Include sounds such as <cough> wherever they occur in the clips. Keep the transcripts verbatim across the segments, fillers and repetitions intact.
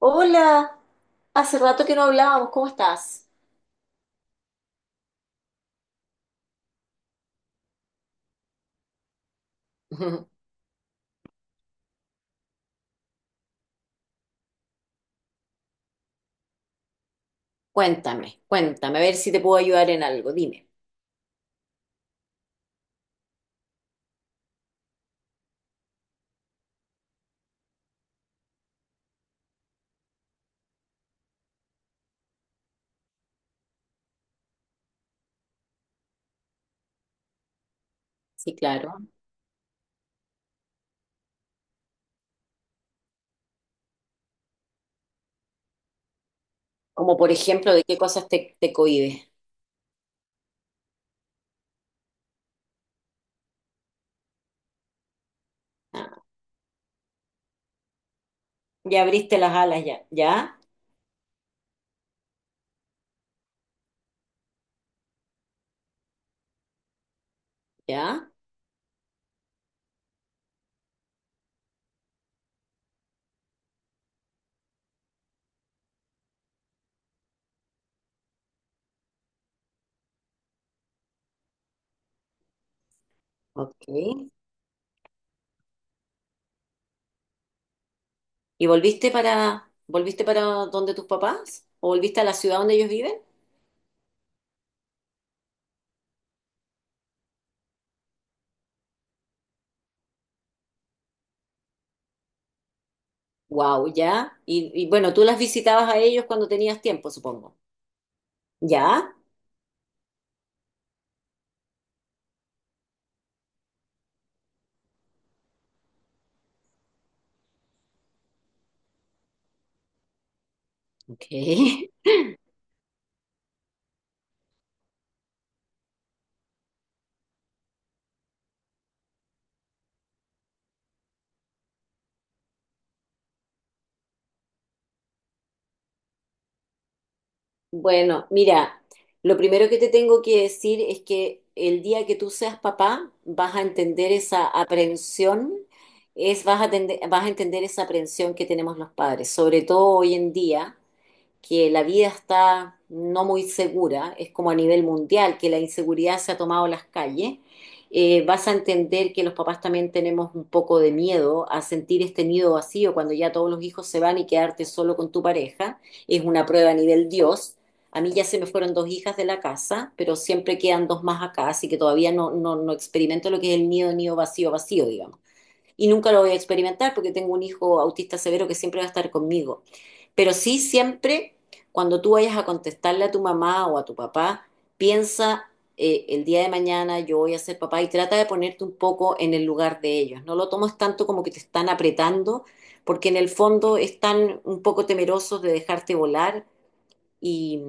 Hola, hace rato que no hablábamos, ¿cómo estás? <laughs> Cuéntame, cuéntame, a ver si te puedo ayudar en algo, dime. Sí, claro. Como por ejemplo, ¿de qué cosas te, te cohibes? Ah, ya abriste las alas, ya, ya, ya, ok. ¿Y volviste para, volviste para donde tus papás? ¿O volviste a la ciudad donde ellos viven? Wow, ya. Y, y bueno, tú las visitabas a ellos cuando tenías tiempo, supongo. Ya, ok. <laughs> Bueno, mira, lo primero que te tengo que decir es que el día que tú seas papá vas a entender esa aprensión, es, vas a tende- vas a entender esa aprensión que tenemos los padres, sobre todo hoy en día, que la vida está no muy segura, es como a nivel mundial, que la inseguridad se ha tomado las calles, eh, vas a entender que los papás también tenemos un poco de miedo a sentir este nido vacío cuando ya todos los hijos se van y quedarte solo con tu pareja. Es una prueba a nivel Dios. A mí ya se me fueron dos hijas de la casa, pero siempre quedan dos más acá, así que todavía no, no, no experimento lo que es el nido, nido vacío, vacío, digamos. Y nunca lo voy a experimentar porque tengo un hijo autista severo que siempre va a estar conmigo. Pero sí siempre, cuando tú vayas a contestarle a tu mamá o a tu papá, piensa eh, el día de mañana yo voy a ser papá y trata de ponerte un poco en el lugar de ellos. No lo tomes tanto como que te están apretando, porque en el fondo están un poco temerosos de dejarte volar y,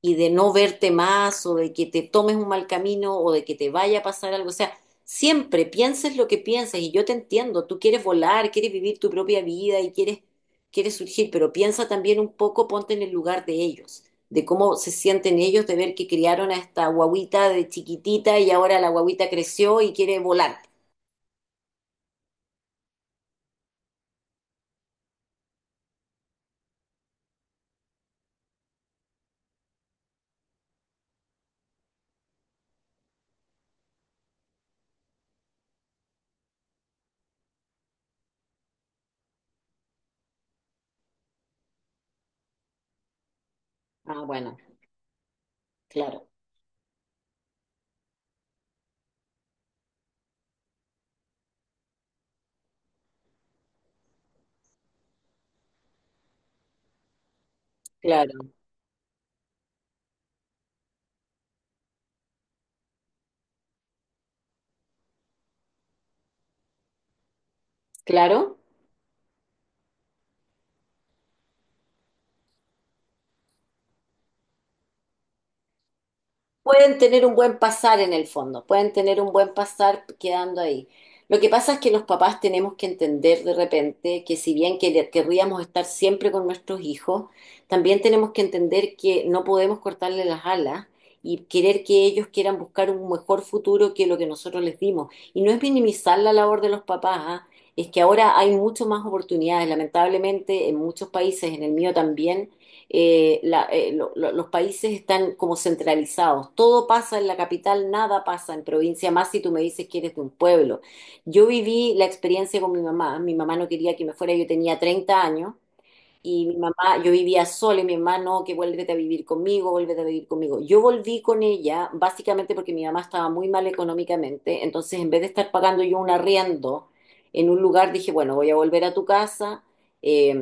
y de no verte más o de que te tomes un mal camino o de que te vaya a pasar algo. O sea, siempre pienses lo que pienses y yo te entiendo, tú quieres volar, quieres vivir tu propia vida y quieres, quieres surgir, pero piensa también un poco, ponte en el lugar de ellos, de cómo se sienten ellos de ver que criaron a esta guaguita de chiquitita y ahora la guaguita creció y quiere volar. Ah, bueno, claro, claro, claro. Pueden tener un buen pasar en el fondo, pueden tener un buen pasar quedando ahí. Lo que pasa es que los papás tenemos que entender de repente que si bien que- le- querríamos estar siempre con nuestros hijos, también tenemos que entender que no podemos cortarle las alas y querer que ellos quieran buscar un mejor futuro que lo que nosotros les dimos. Y no es minimizar la labor de los papás, ¿ah? Es que ahora hay mucho más oportunidades, lamentablemente en muchos países, en el mío también eh, la- eh, lo- lo- los países están como centralizados. Todo pasa en la capital, nada pasa en provincia, más si tú me dices que eres de un pueblo. Yo viví la experiencia con mi mamá. Mi mamá no quería que me fuera, yo tenía treinta años y mi mamá, yo vivía sola y mi mamá no, que vuélvete a vivir conmigo, vuélvete a vivir conmigo. Yo volví con ella básicamente porque mi mamá estaba muy mal económicamente, entonces en vez de estar pagando yo un arriendo en un lugar, dije, bueno, voy a volver a tu casa. eh,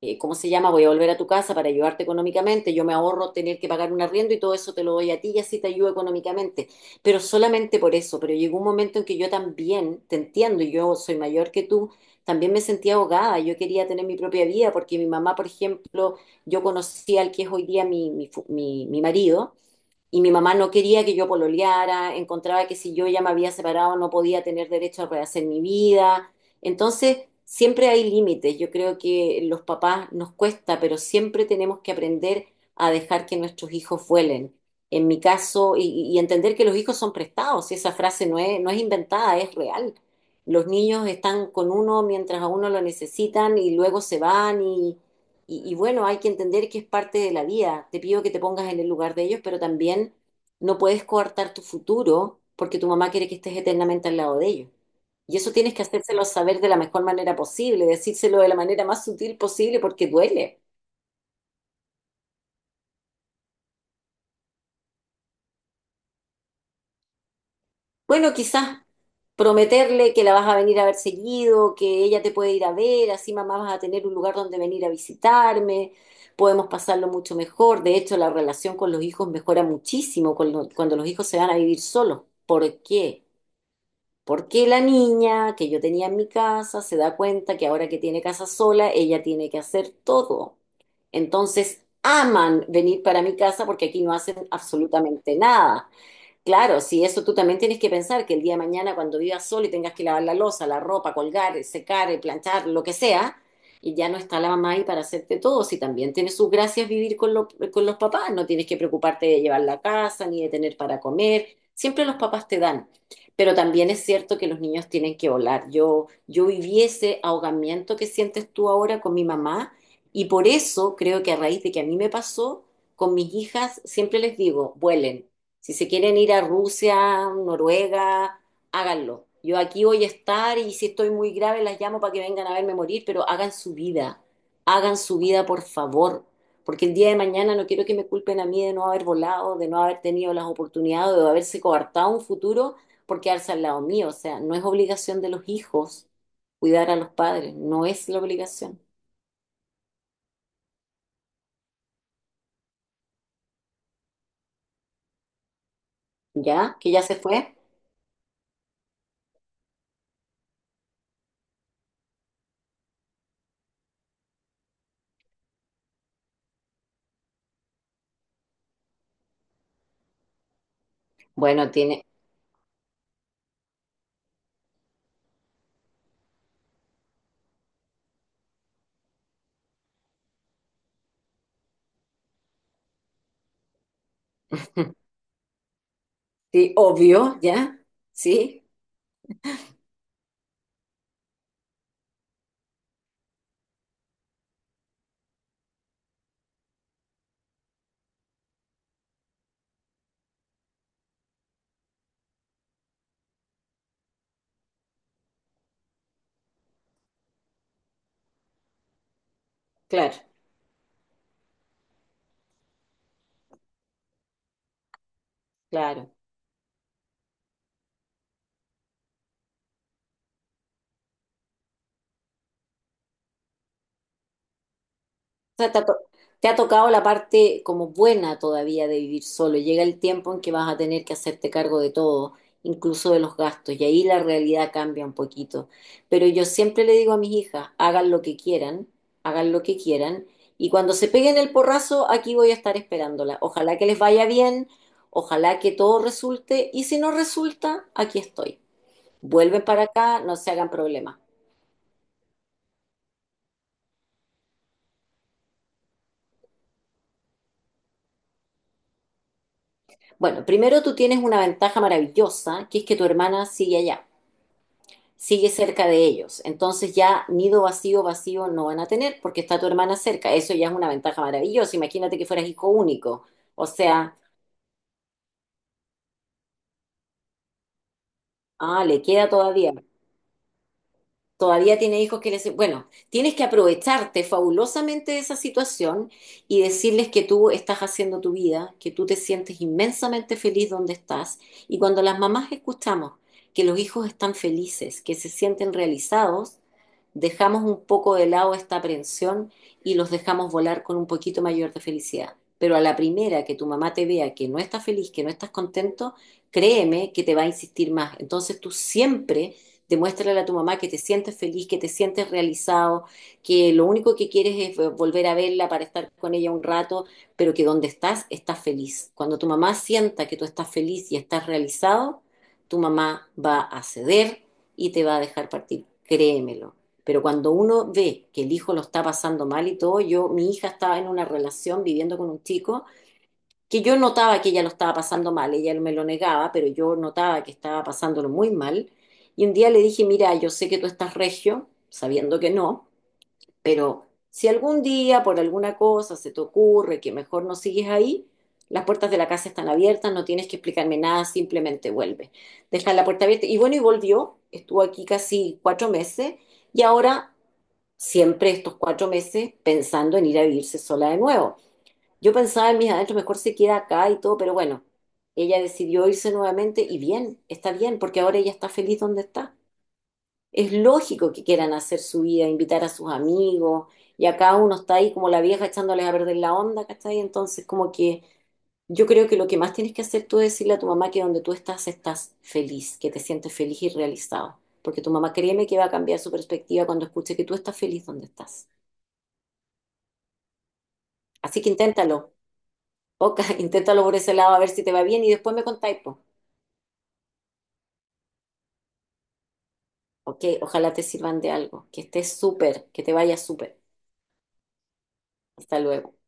eh, ¿Cómo se llama? Voy a volver a tu casa para ayudarte económicamente, yo me ahorro tener que pagar un arriendo y todo eso te lo doy a ti y así te ayudo económicamente, pero solamente por eso, pero llegó un momento en que yo también, te entiendo, y yo soy mayor que tú, también me sentía ahogada, yo quería tener mi propia vida porque mi mamá, por ejemplo, yo conocí al que es hoy día mi, mi fu- mi- mi marido, y mi mamá no quería que yo pololeara, encontraba que si yo ya me había separado no podía tener derecho a rehacer mi vida. Entonces, siempre hay límites. Yo creo que los papás nos cuesta, pero siempre tenemos que aprender a dejar que nuestros hijos vuelen. En mi caso, y, y entender que los hijos son prestados, y esa frase no es, no es inventada, es real. Los niños están con uno mientras a uno lo necesitan y luego se van y, y, y bueno, hay que entender que es parte de la vida. Te pido que te pongas en el lugar de ellos, pero también no puedes coartar tu futuro porque tu mamá quiere que estés eternamente al lado de ellos. Y eso tienes que hacérselo saber de la mejor manera posible, decírselo de la manera más sutil posible porque duele. Bueno, quizás prometerle que la vas a venir a ver seguido, que ella te puede ir a ver, así mamá vas a tener un lugar donde venir a visitarme, podemos pasarlo mucho mejor. De hecho, la relación con los hijos mejora muchísimo con cuando los hijos se van a vivir solos. ¿Por qué? Porque la niña que yo tenía en mi casa se da cuenta que ahora que tiene casa sola, ella tiene que hacer todo. Entonces, aman venir para mi casa porque aquí no hacen absolutamente nada. Claro, si eso tú también tienes que pensar que el día de mañana cuando vivas solo y tengas que lavar la loza, la ropa, colgar, secar, planchar, lo que sea, y ya no está la mamá ahí para hacerte todo, si también tiene sus gracias vivir con, lo- con los papás, no tienes que preocuparte de llevar la casa ni de tener para comer, siempre los papás te dan. Pero también es cierto que los niños tienen que volar. Yo, yo viví ese ahogamiento que sientes tú ahora con mi mamá y por eso creo que a raíz de que a mí me pasó, con mis hijas siempre les digo, vuelen si se quieren ir a Rusia, Noruega, háganlo. Yo aquí voy a estar y si estoy muy grave las llamo para que vengan a verme morir, pero hagan su vida, hagan su vida por favor, porque el día de mañana no quiero que me culpen a mí de no haber volado, de no haber tenido las oportunidades, de haberse coartado un futuro por quedarse al lado mío. O sea, no es obligación de los hijos cuidar a los padres, no es la obligación. ¿Ya? ¿Que ya se fue? Bueno, tiene, sí, obvio, ¿ya? Sí, claro, claro. Sea, te ha, to- te ha tocado la parte como buena todavía de vivir solo. Llega el tiempo en que vas a tener que hacerte cargo de todo, incluso de los gastos, y ahí la realidad cambia un poquito. Pero yo siempre le digo a mis hijas, hagan lo que quieran, hagan lo que quieran, y cuando se peguen el porrazo, aquí voy a estar esperándola. Ojalá que les vaya bien, ojalá que todo resulte, y si no resulta, aquí estoy. Vuelven para acá, no se hagan problemas. Bueno, primero tú tienes una ventaja maravillosa, que es que tu hermana sigue allá. Sigue cerca de ellos. Entonces ya nido vacío, vacío no van a tener porque está tu hermana cerca. Eso ya es una ventaja maravillosa. Imagínate que fueras hijo único. O sea, ah, le queda todavía. Todavía tiene hijos que les... Bueno, tienes que aprovecharte fabulosamente de esa situación y decirles que tú estás haciendo tu vida, que tú te sientes inmensamente feliz donde estás. Y cuando las mamás escuchamos que los hijos están felices, que se sienten realizados, dejamos un poco de lado esta aprensión y los dejamos volar con un poquito mayor de felicidad. Pero a la primera que tu mamá te vea que no estás feliz, que no estás contento, créeme que te va a insistir más. Entonces tú siempre demuéstrale a tu mamá que te sientes feliz, que te sientes realizado, que lo único que quieres es eh, volver a verla para estar con ella un rato, pero que donde estás, estás feliz. Cuando tu mamá sienta que tú estás feliz y estás realizado, tu mamá va a ceder y te va a dejar partir, créemelo. Pero cuando uno ve que el hijo lo está pasando mal y todo, yo, mi hija estaba en una relación viviendo con un chico que yo notaba que ella lo estaba pasando mal, ella me lo negaba, pero yo notaba que estaba pasándolo muy mal. Y un día le dije, mira, yo sé que tú estás regio, sabiendo que no, pero si algún día por alguna cosa se te ocurre que mejor no sigues ahí, las puertas de la casa están abiertas, no tienes que explicarme nada, simplemente vuelve. Deja la puerta abierta. Y bueno, y volvió, estuvo aquí casi cuatro meses y ahora siempre estos cuatro meses pensando en ir a vivirse sola de nuevo. Yo pensaba en mis adentros, mejor se queda acá y todo, pero bueno, ella decidió irse nuevamente y bien, está bien, porque ahora ella está feliz donde está. Es lógico que quieran hacer su vida, invitar a sus amigos, y acá uno está ahí como la vieja echándoles a perder la onda, ¿cachai? Entonces, como que yo creo que lo que más tienes que hacer tú es decirle a tu mamá que donde tú estás estás feliz, que te sientes feliz y realizado, porque tu mamá créeme que va a cambiar su perspectiva cuando escuche que tú estás feliz donde estás. Así que inténtalo, Oca, <laughs> inténtalo por ese lado a ver si te va bien y después me contáis, po. Ok, ojalá te sirvan de algo. Que estés súper, que te vaya súper. Hasta luego.